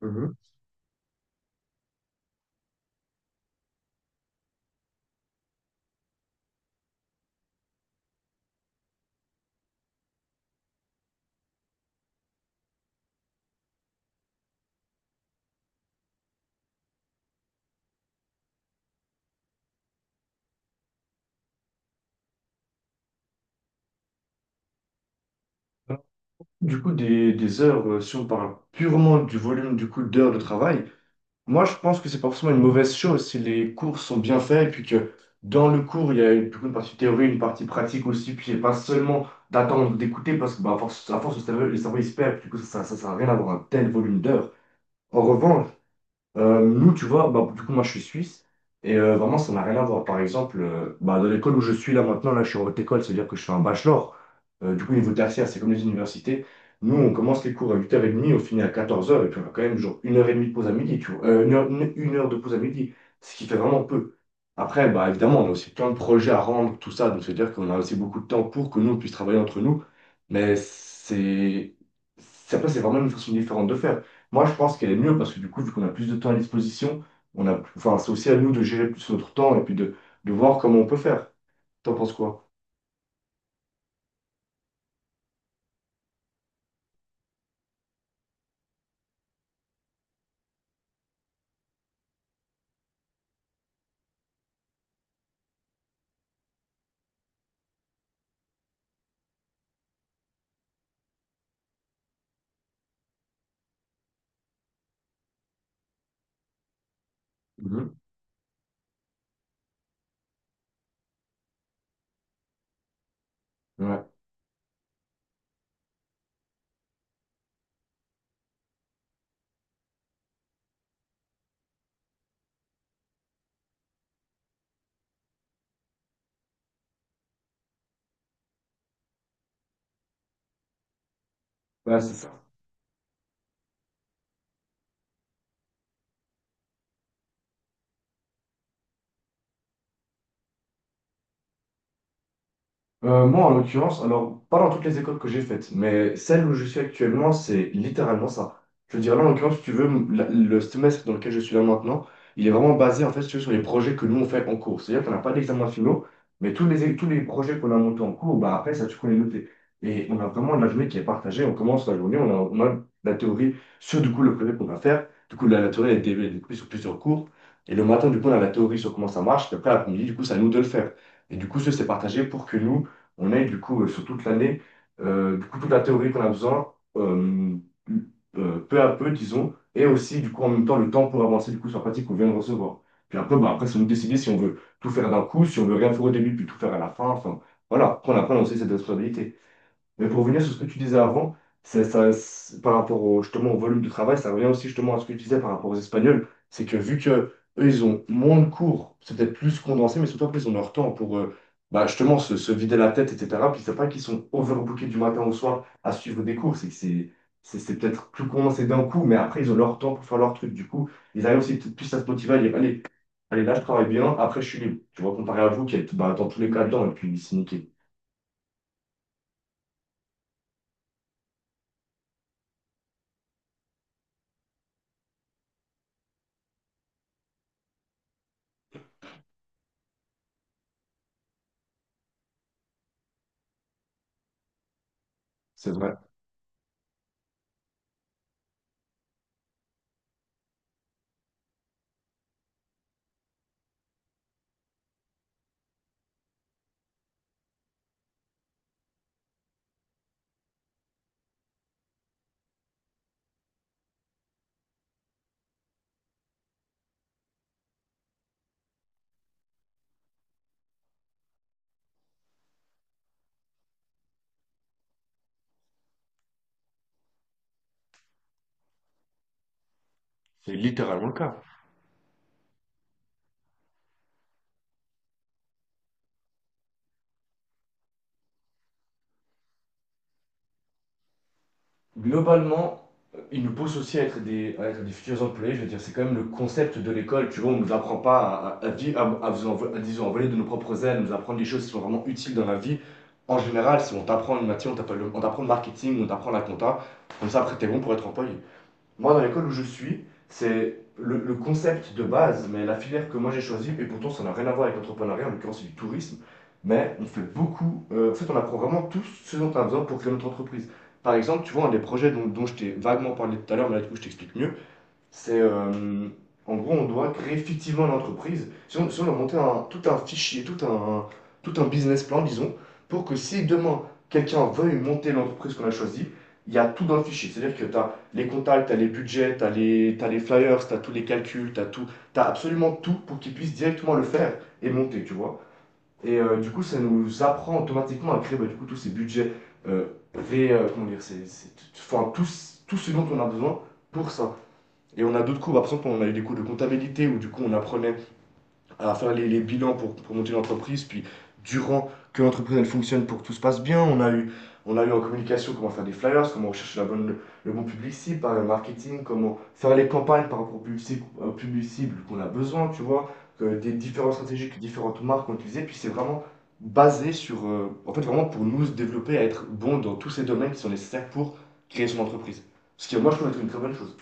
Mhm. Du coup, des heures, si on parle purement du volume du coup d'heures de travail, moi je pense que c'est pas forcément une mauvaise chose si les cours sont bien faits et puis que dans le cours, il y a une, du coup, une partie théorie, une partie pratique aussi, puis et pas seulement d'attendre, d'écouter, parce que bah, à force, le cerveau, il se perd, du coup ça sert à rien d'avoir un tel volume d'heures. En revanche, nous, tu vois, bah, du coup, moi, je suis suisse. Et vraiment, ça n'a rien à voir. Par exemple, bah, dans l'école où je suis là maintenant, là, je suis en haute école, c'est-à-dire que je suis un bachelor. Du coup, niveau tertiaire, c'est comme les universités. Nous, on commence les cours à 8h30, on finit à 14 heures et puis on a quand même genre une heure et demie de pause à midi, tu vois. Une heure de pause à midi, ce qui fait vraiment peu. Après, bah, évidemment, on a aussi plein de projets à rendre, tout ça, donc c'est-à-dire qu'on a aussi beaucoup de temps pour que nous, on puisse travailler entre nous. Mais c'est... Après, c'est vraiment une façon différente de faire. Moi, je pense qu'elle est mieux parce que du coup, vu qu'on a plus de temps à disposition, enfin, c'est aussi à nous de gérer plus notre temps et puis de voir comment on peut faire. T'en penses quoi? Mhm. Ouais. Bah, c'est ça. Moi, en l'occurrence, alors, pas dans toutes les écoles que j'ai faites, mais celle où je suis actuellement, c'est littéralement ça. Je veux dire, là, en l'occurrence, si tu veux, le semestre dans lequel je suis là maintenant, il est vraiment basé, en fait, si tu veux, sur les projets que nous, on fait en cours. C'est-à-dire qu'on n'a pas d'examen finaux, mais tous les projets qu'on a montés en cours, bah, après, ça, tu peux les noter. Et on a vraiment la journée qui est partagée. On commence la journée, on a la théorie sur, du coup, le projet qu'on va faire. Du coup, la théorie, elle est découpée sur plusieurs cours. Et le matin, du coup, on a la théorie sur comment ça marche. Et après, l'après-midi, du coup, c'est à nous de le faire. Et du coup, c'est partagé pour que nous, on ait du coup sur toute l'année, du coup toute la théorie qu'on a besoin, peu à peu, disons, et aussi du coup en même temps le temps pour avancer du coup sur la pratique qu'on vient de recevoir. Puis après, bah, après, c'est nous décider si on veut tout faire d'un coup, si on veut rien faire au début, puis tout faire à la fin. Enfin, voilà, après, on apprend aussi cette responsabilité. Mais pour revenir sur ce que tu disais avant, c'est ça, par rapport justement au volume de travail, ça revient aussi justement à ce que tu disais par rapport aux Espagnols. C'est que vu que eux, ils ont moins de cours, c'est peut-être plus condensé, mais surtout après, ils ont leur temps pour bah, justement se vider la tête, etc. Puis c'est pas qu'ils sont overbookés du matin au soir à suivre des cours, c'est que c'est peut-être plus condensé d'un coup, mais après, ils ont leur temps pour faire leur truc. Du coup, ils arrivent aussi peut-être plus à se motiver à dire, allez, allez, là, je travaille bien, après, je suis libre. Tu vois, comparé à vous qui êtes bah, dans tous les cas dedans, et puis c'est niqué. C'est vrai. C'est littéralement le cas. Globalement, ils nous poussent aussi à être des, futurs employés. Je veux dire, c'est quand même le concept de l'école. Tu vois, on ne nous apprend pas à, à, vi- à vous envo- à, disons, à voler de nos propres ailes, nous apprendre des choses qui sont vraiment utiles dans la vie. En général, si on t'apprend une matière, on t'apprend le marketing, on t'apprend la compta, comme ça, après, t'es bon pour être employé. Moi, dans l'école où je suis, c'est le concept de base, mais la filière que moi j'ai choisie, et pourtant ça n'a rien à voir avec l'entrepreneuriat, en l'occurrence c'est du tourisme, mais on fait beaucoup, en fait on apprend vraiment tout ce dont on a besoin pour créer notre entreprise. Par exemple, tu vois, un des projets dont je t'ai vaguement parlé tout à l'heure, mais là du coup je t'explique mieux, c'est en gros, on doit créer fictivement l'entreprise. Si on doit monter tout un fichier, tout un, business plan, disons, pour que si demain quelqu'un veuille monter l'entreprise qu'on a choisie, il y a tout dans le fichier. C'est-à-dire que tu as les contacts, tu as les budgets, t'as les flyers, tu as tous les calculs, tu as tout, tu absolument tout pour qu'il puisse directement le faire et monter, tu vois. Et du coup, ça nous apprend automatiquement à créer bah, du coup, tous ces budgets, euh, comment dire, enfin, tout, ce dont on a besoin pour ça. Et on a d'autres cours, bah, par exemple, on a eu des cours de comptabilité où du coup on apprenait à faire les, bilans pour monter l'entreprise, puis durant que l'entreprise elle fonctionne pour que tout se passe bien, on a eu en communication comment faire des flyers, comment rechercher la bonne, le, bon public cible, par le marketing, comment faire les campagnes par rapport au public cible qu'on a besoin, tu vois, que des différentes stratégies que différentes marques ont utilisées, puis c'est vraiment basé sur, en fait vraiment pour nous se développer, à être bon dans tous ces domaines qui sont nécessaires pour créer son entreprise. Ce qui moi je trouve être une très bonne chose.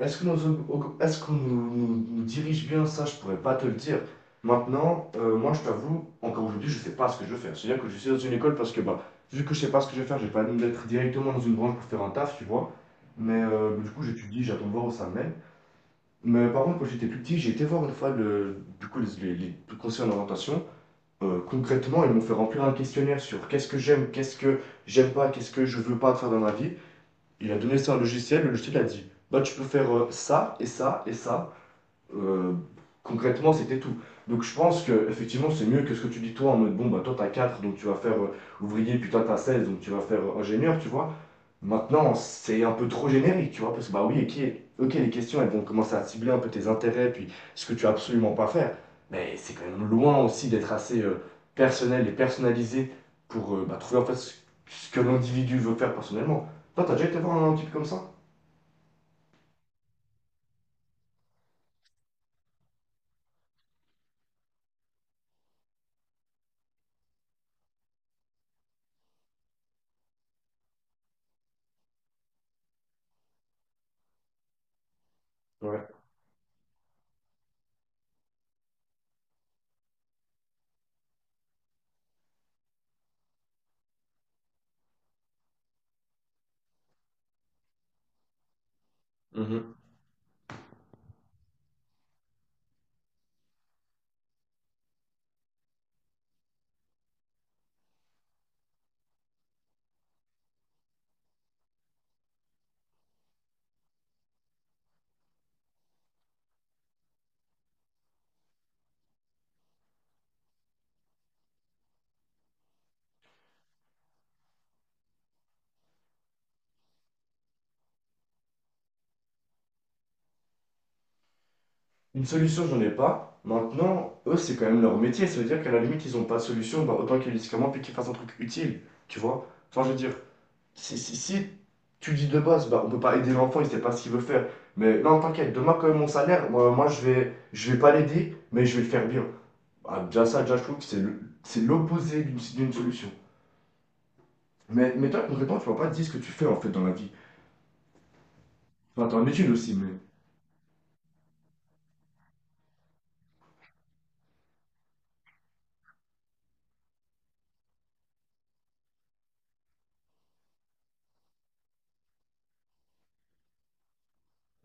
Est-ce qu'on nous, nous dirige bien ça, je pourrais pas te le dire. Maintenant, moi je t'avoue, encore aujourd'hui, je sais pas ce que je veux faire. C'est-à-dire que je suis dans une école parce que, bah, vu que je sais pas ce que je veux faire, j'ai pas envie d'être directement dans une branche pour faire un taf, tu vois. Mais du coup, j'étudie, j'attends de voir où ça mène. Mais par contre, quand j'étais plus petit, j'ai été voir une fois du coup, les conseils en orientation. Concrètement, ils m'ont fait remplir un questionnaire sur qu'est-ce que j'aime pas, qu'est-ce que je veux pas faire dans ma vie. Il a donné ça à un logiciel, le logiciel a dit bah tu peux faire ça et ça et ça. Euh, Concrètement, c'était tout. Donc je pense que effectivement c'est mieux que ce que tu dis toi en mode bon bah toi t'as 4 donc tu vas faire ouvrier, puis toi t'as 16 donc tu vas faire ingénieur, tu vois. Maintenant, c'est un peu trop générique, tu vois, parce que bah oui, ok, ok, les questions, elles vont commencer à cibler un peu tes intérêts, puis ce que tu as absolument pas à faire. Mais c'est quand même loin aussi d'être assez personnel et personnalisé pour bah, trouver en fait ce que l'individu veut faire personnellement. Toi, t'as déjà été voir un type comme ça? Ouais. Mhm. Une solution, j'en ai pas. Maintenant, eux, c'est quand même leur métier. Ça veut dire qu'à la limite, ils ont pas de solution, bah, autant qu'ils le disent comment, puis qu'ils fassent un truc utile, tu vois. Enfin, je veux dire, si tu dis de base, bah, on peut pas aider l'enfant, il sait pas ce qu'il veut faire. Mais non, t'inquiète, demain, quand même, mon salaire, moi, je vais pas l'aider, mais je vais le faire bien. Ah, déjà, ça, déjà, je trouve que c'est l'opposé d'une solution. Mais toi, concrètement, tu m'as pas dit ce que tu fais en fait dans la vie. Enfin, t'en es une aussi, mais.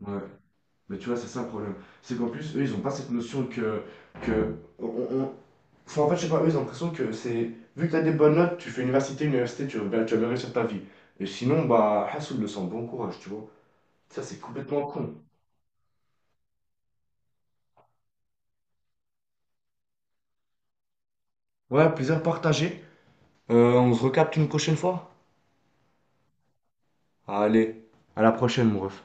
Ouais. Mais tu vois, c'est ça le problème. C'est qu'en plus, eux, ils ont pas cette notion que. que on, on- Enfin, en fait, je sais pas, eux, ils ont l'impression que c'est. Vu que t'as des bonnes notes, tu fais université, université, tu vas bien réussir ta vie. Et sinon, bah, Hassoul le sent, bon courage, tu vois. Ça, c'est complètement con. Ouais, plaisir partagé. On se recapte une prochaine fois. Allez, à la prochaine, mon ref.